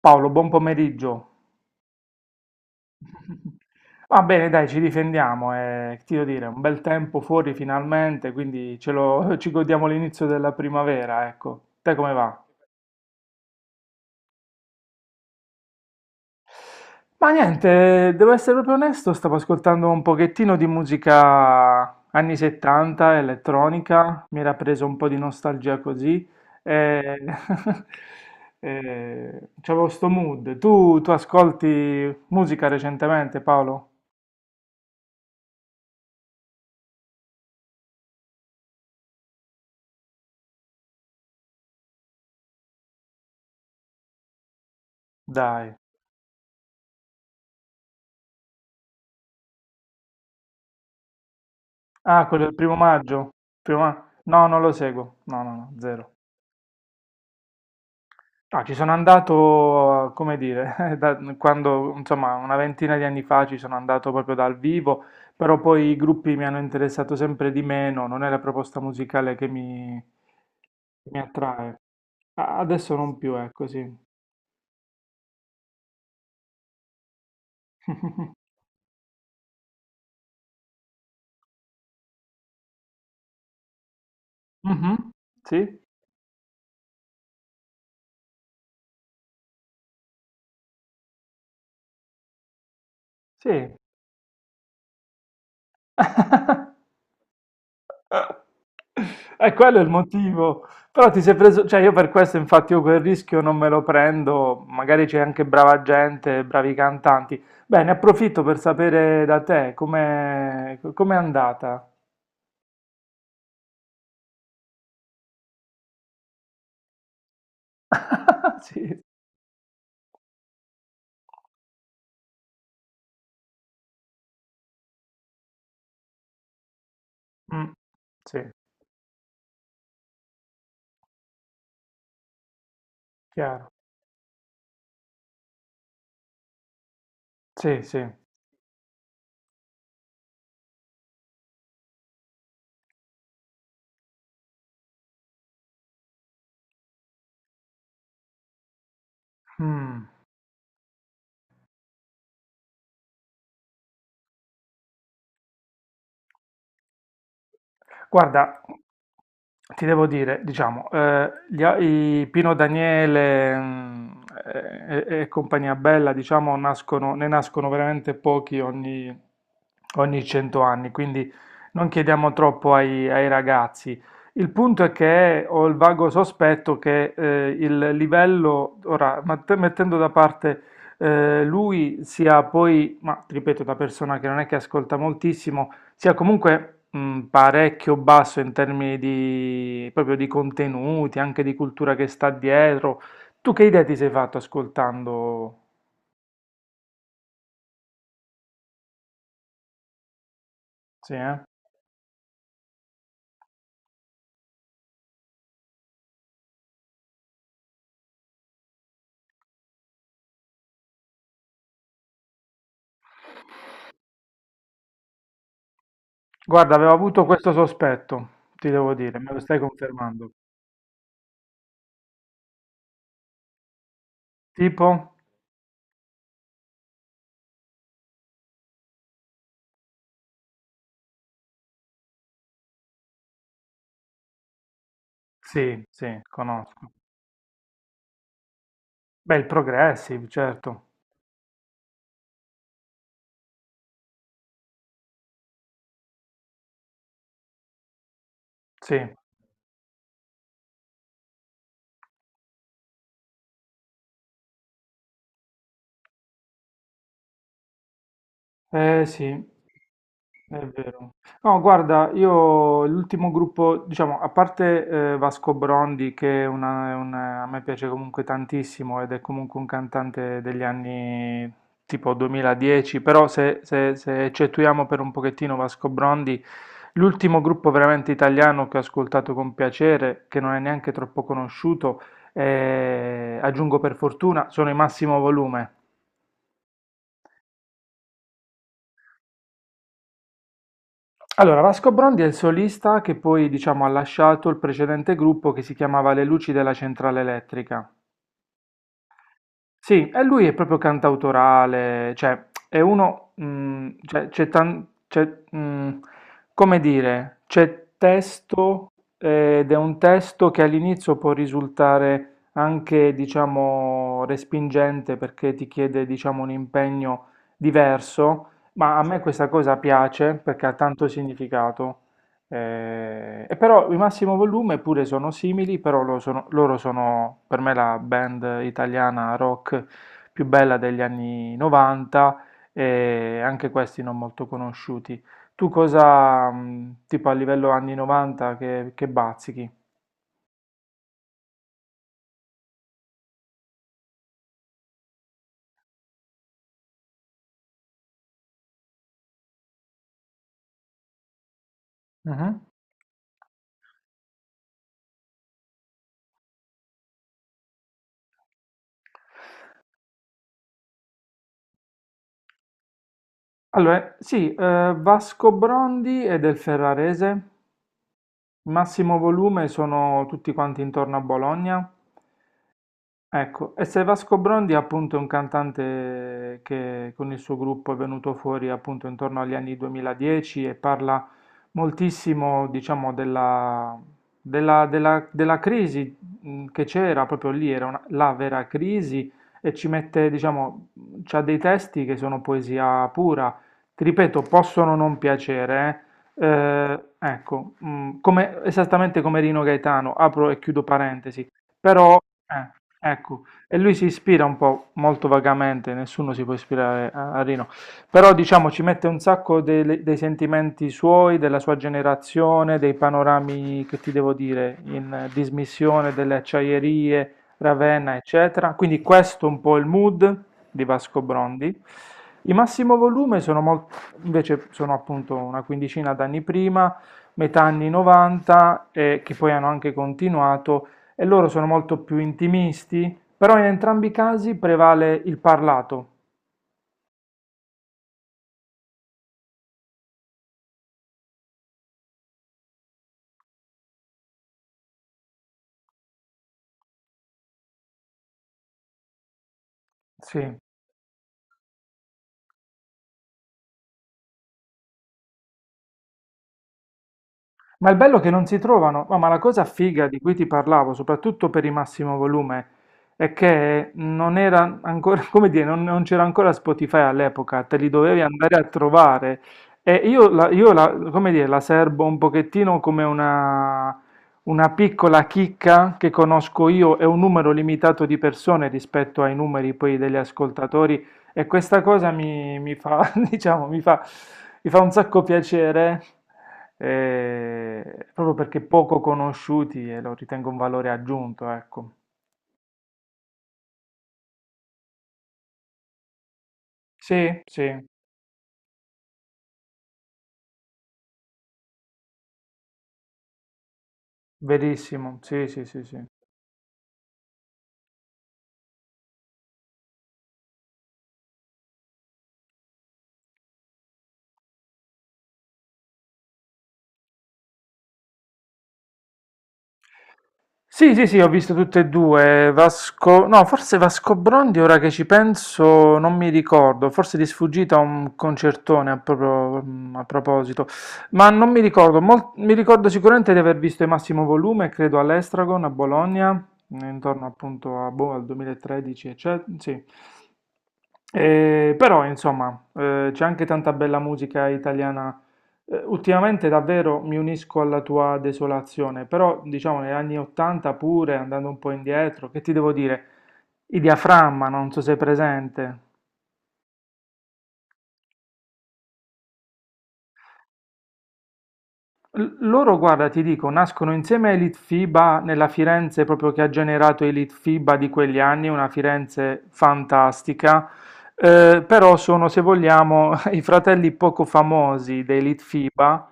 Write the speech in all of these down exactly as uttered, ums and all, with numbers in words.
Paolo, buon pomeriggio. Va bene, dai, ci difendiamo. Eh, che ti devo dire, un bel tempo fuori finalmente, quindi ce lo, ci godiamo l'inizio della primavera, ecco. Te come va? Ma niente, eh, devo essere proprio onesto, stavo ascoltando un pochettino di musica anni settanta, elettronica, mi era preso un po' di nostalgia così. E... e c'avevo sto mood. Tu, tu ascolti musica recentemente, Paolo? Dai. Ah, quello del primo maggio? Primo ma- No, non lo seguo. No, no, no, zero. Ah, ci sono andato, come dire, da- quando, insomma, una ventina di anni fa ci sono andato proprio dal vivo, però poi i gruppi mi hanno interessato sempre di meno, non è la proposta musicale che mi, che mi attrae. A- Adesso non più, è così. Mhm. Sì? Sì. Eh, è quello è il motivo. Però ti sei preso, cioè io per questo infatti io quel rischio non me lo prendo, magari c'è anche brava gente, bravi cantanti. Bene, approfitto per sapere da te com'è com'è andata. Sì, mm, sì, chiaro. Sì, sì. Mm. Guarda, ti devo dire, diciamo, eh, gli a- i Pino Daniele mm, e, e- e compagnia bella, diciamo, nascono, ne nascono veramente pochi ogni, ogni cento anni, quindi non chiediamo troppo ai, ai ragazzi. Il punto è che ho il vago sospetto che eh, il livello, ora, matt- mettendo da parte eh, lui, sia poi, ma ti ripeto, da persona che non è che ascolta moltissimo, sia comunque mh, parecchio basso in termini di, proprio di contenuti, anche di cultura che sta dietro. Tu che idea ti sei fatto ascoltando? Sì, eh? Guarda, avevo avuto questo sospetto, ti devo dire, me lo stai confermando. Tipo? Sì, sì, conosco. Beh, il Progressive, certo. Sì, eh sì. È vero. No, guarda, io l'ultimo gruppo, diciamo, a parte eh, Vasco Brondi, che è una- è una- a me piace comunque tantissimo ed è comunque un cantante degli anni tipo duemiladieci, però se, se, se eccettuiamo per un pochettino Vasco Brondi, l'ultimo gruppo veramente italiano che ho ascoltato con piacere, che non è neanche troppo conosciuto, eh, aggiungo per fortuna, sono i Massimo Volume. Allora, Vasco Brondi è il solista che poi, diciamo, ha lasciato il precedente gruppo che si chiamava Le Luci della Centrale Elettrica. Sì, e lui è proprio cantautorale, cioè è uno, mm, cioè, c'è tan- c'è, mm, come dire, c'è testo eh, ed è un testo che all'inizio può risultare anche, diciamo, respingente perché ti chiede, diciamo, un impegno diverso, ma a me questa cosa piace perché ha tanto significato. Eh, e però i Massimo Volume pure sono simili, però lo sono- loro sono per me la band italiana rock più bella degli anni novanta e anche questi non molto conosciuti. Tu cosa, mh, tipo a livello anni novanta, che, che bazzichi? Mhm. Allora, sì, eh, Vasco Brondi è del Ferrarese, Massimo Volume sono tutti quanti intorno a Bologna. Ecco, e se Vasco Brondi è appunto un cantante che con il suo gruppo è venuto fuori appunto intorno agli anni duemiladieci e parla moltissimo, diciamo, della, della- della- della crisi mh, che c'era proprio lì, era una- la vera crisi e ci mette, diciamo, c'ha dei testi che sono poesia pura, ti ripeto, possono non piacere, eh, eh, ecco, mh, come- esattamente come Rino Gaetano, apro e chiudo parentesi. Però, eh, ecco, e lui si ispira un po', molto vagamente, nessuno si può ispirare a, a Rino, però diciamo ci mette un sacco dei, dei sentimenti suoi, della sua generazione, dei panorami, che ti devo dire, in eh, dismissione delle acciaierie, Ravenna, eccetera. Quindi questo è un po' il mood di Vasco Brondi. I massimo volume sono mol- Invece sono appunto una quindicina d'anni prima, metà anni novanta, e che poi hanno anche continuato e loro sono molto più intimisti, però in entrambi i casi prevale il parlato. Sì. Ma il bello è che non si trovano, ma ma la cosa figa di cui ti parlavo, soprattutto per il massimo volume, è che non era ancora, come dire, non, non c'era ancora Spotify all'epoca, te li dovevi andare a trovare. E io, la, io la- come dire, la serbo un pochettino come una, una piccola chicca che conosco io e un numero limitato di persone rispetto ai numeri poi degli ascoltatori. E questa cosa mi, mi fa, diciamo, mi fa, mi fa un sacco piacere, eh, proprio perché poco conosciuti e lo ritengo un valore aggiunto, ecco. Sì, sì, verissimo, sì, sì, sì, sì. Sì, sì, sì, ho visto tutte e due. Vasco, no, forse Vasco Brondi, ora che ci penso, non mi ricordo. Forse di sfuggita un concertone a, proprio- a proposito, ma non mi ricordo. Mol- mi ricordo sicuramente di aver visto il massimo volume, credo all'Estragon a Bologna, intorno appunto a, boh, al duemilatredici, eccetera. Sì. Eh, però, insomma, eh, c'è anche tanta bella musica italiana eh, ultimamente davvero mi unisco alla tua desolazione, però diciamo negli anni ottanta pure, andando un po' indietro, che ti devo dire? I diaframma, non so se è presente. L- Loro guarda ti dico, nascono insieme ai Litfiba nella Firenze proprio che ha generato i Litfiba di quegli anni, una Firenze fantastica, eh, però sono se vogliamo i fratelli poco famosi dei Litfiba.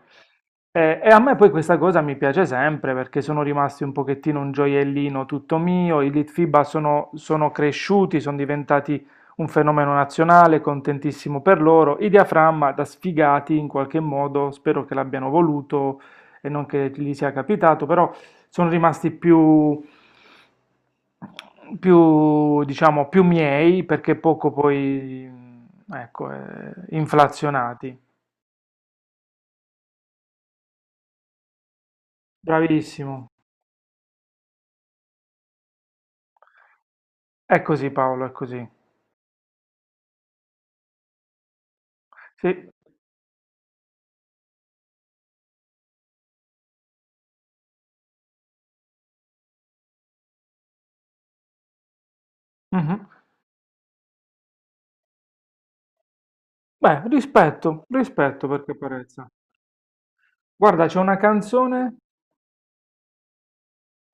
eh, E a me poi questa cosa mi piace sempre perché sono rimasti un pochettino un gioiellino tutto mio, i Litfiba sono, sono cresciuti, sono diventati un fenomeno nazionale, contentissimo per loro. I diaframma da sfigati in qualche modo, spero che l'abbiano voluto e non che gli sia capitato, però sono rimasti più, più, diciamo, più miei perché poco poi, ecco, eh, inflazionati. Bravissimo. È così Paolo, è così. Sì. Mhm. Beh, rispetto, rispetto perché parezza. Guarda, c'è una canzone.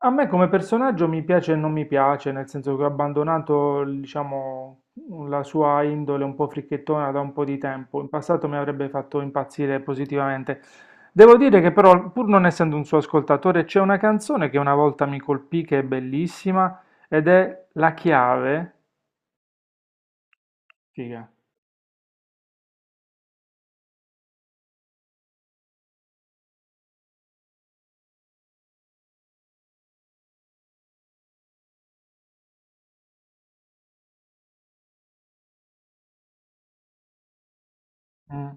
A me come personaggio mi piace e non mi piace, nel senso che ho abbandonato, diciamo, la sua indole un po' fricchettona da un po' di tempo. In passato mi avrebbe fatto impazzire positivamente. Devo dire che però, pur non essendo un suo ascoltatore, c'è una canzone che una volta mi colpì, che è bellissima, ed è La Chiave. Figa. Mm.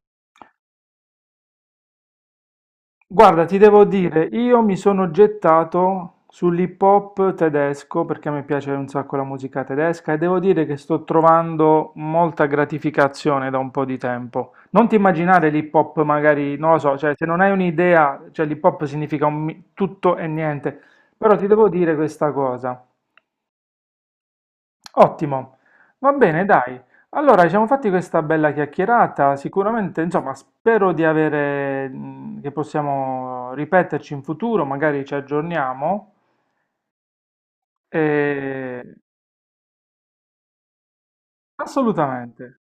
Guarda, ti devo dire, io mi sono gettato sull'hip hop tedesco perché mi piace un sacco la musica tedesca e devo dire che sto trovando molta gratificazione da un po' di tempo. Non ti immaginare l'hip hop magari, non lo so, cioè se non hai un'idea, cioè l'hip hop significa un mi- tutto e niente, però ti devo dire questa cosa. Ottimo, va bene, dai. Allora, ci siamo fatti questa bella chiacchierata. Sicuramente, insomma, spero di avere, mh, che possiamo ripeterci in futuro, magari ci aggiorniamo. E... Assolutamente.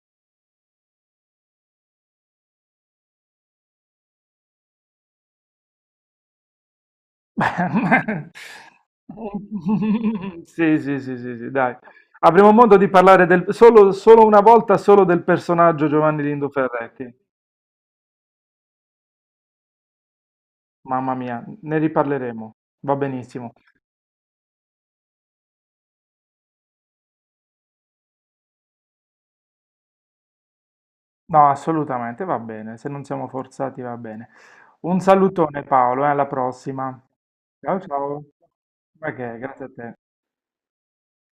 Sì, sì, sì, sì, sì, dai. Avremo modo di parlare del, solo, solo una volta solo del personaggio Giovanni Lindo Ferretti. Mamma mia, ne riparleremo. Va benissimo. No, assolutamente, va bene, se non siamo forzati va bene. Un salutone Paolo, e alla prossima. Ciao ciao. Ma che, grazie a te.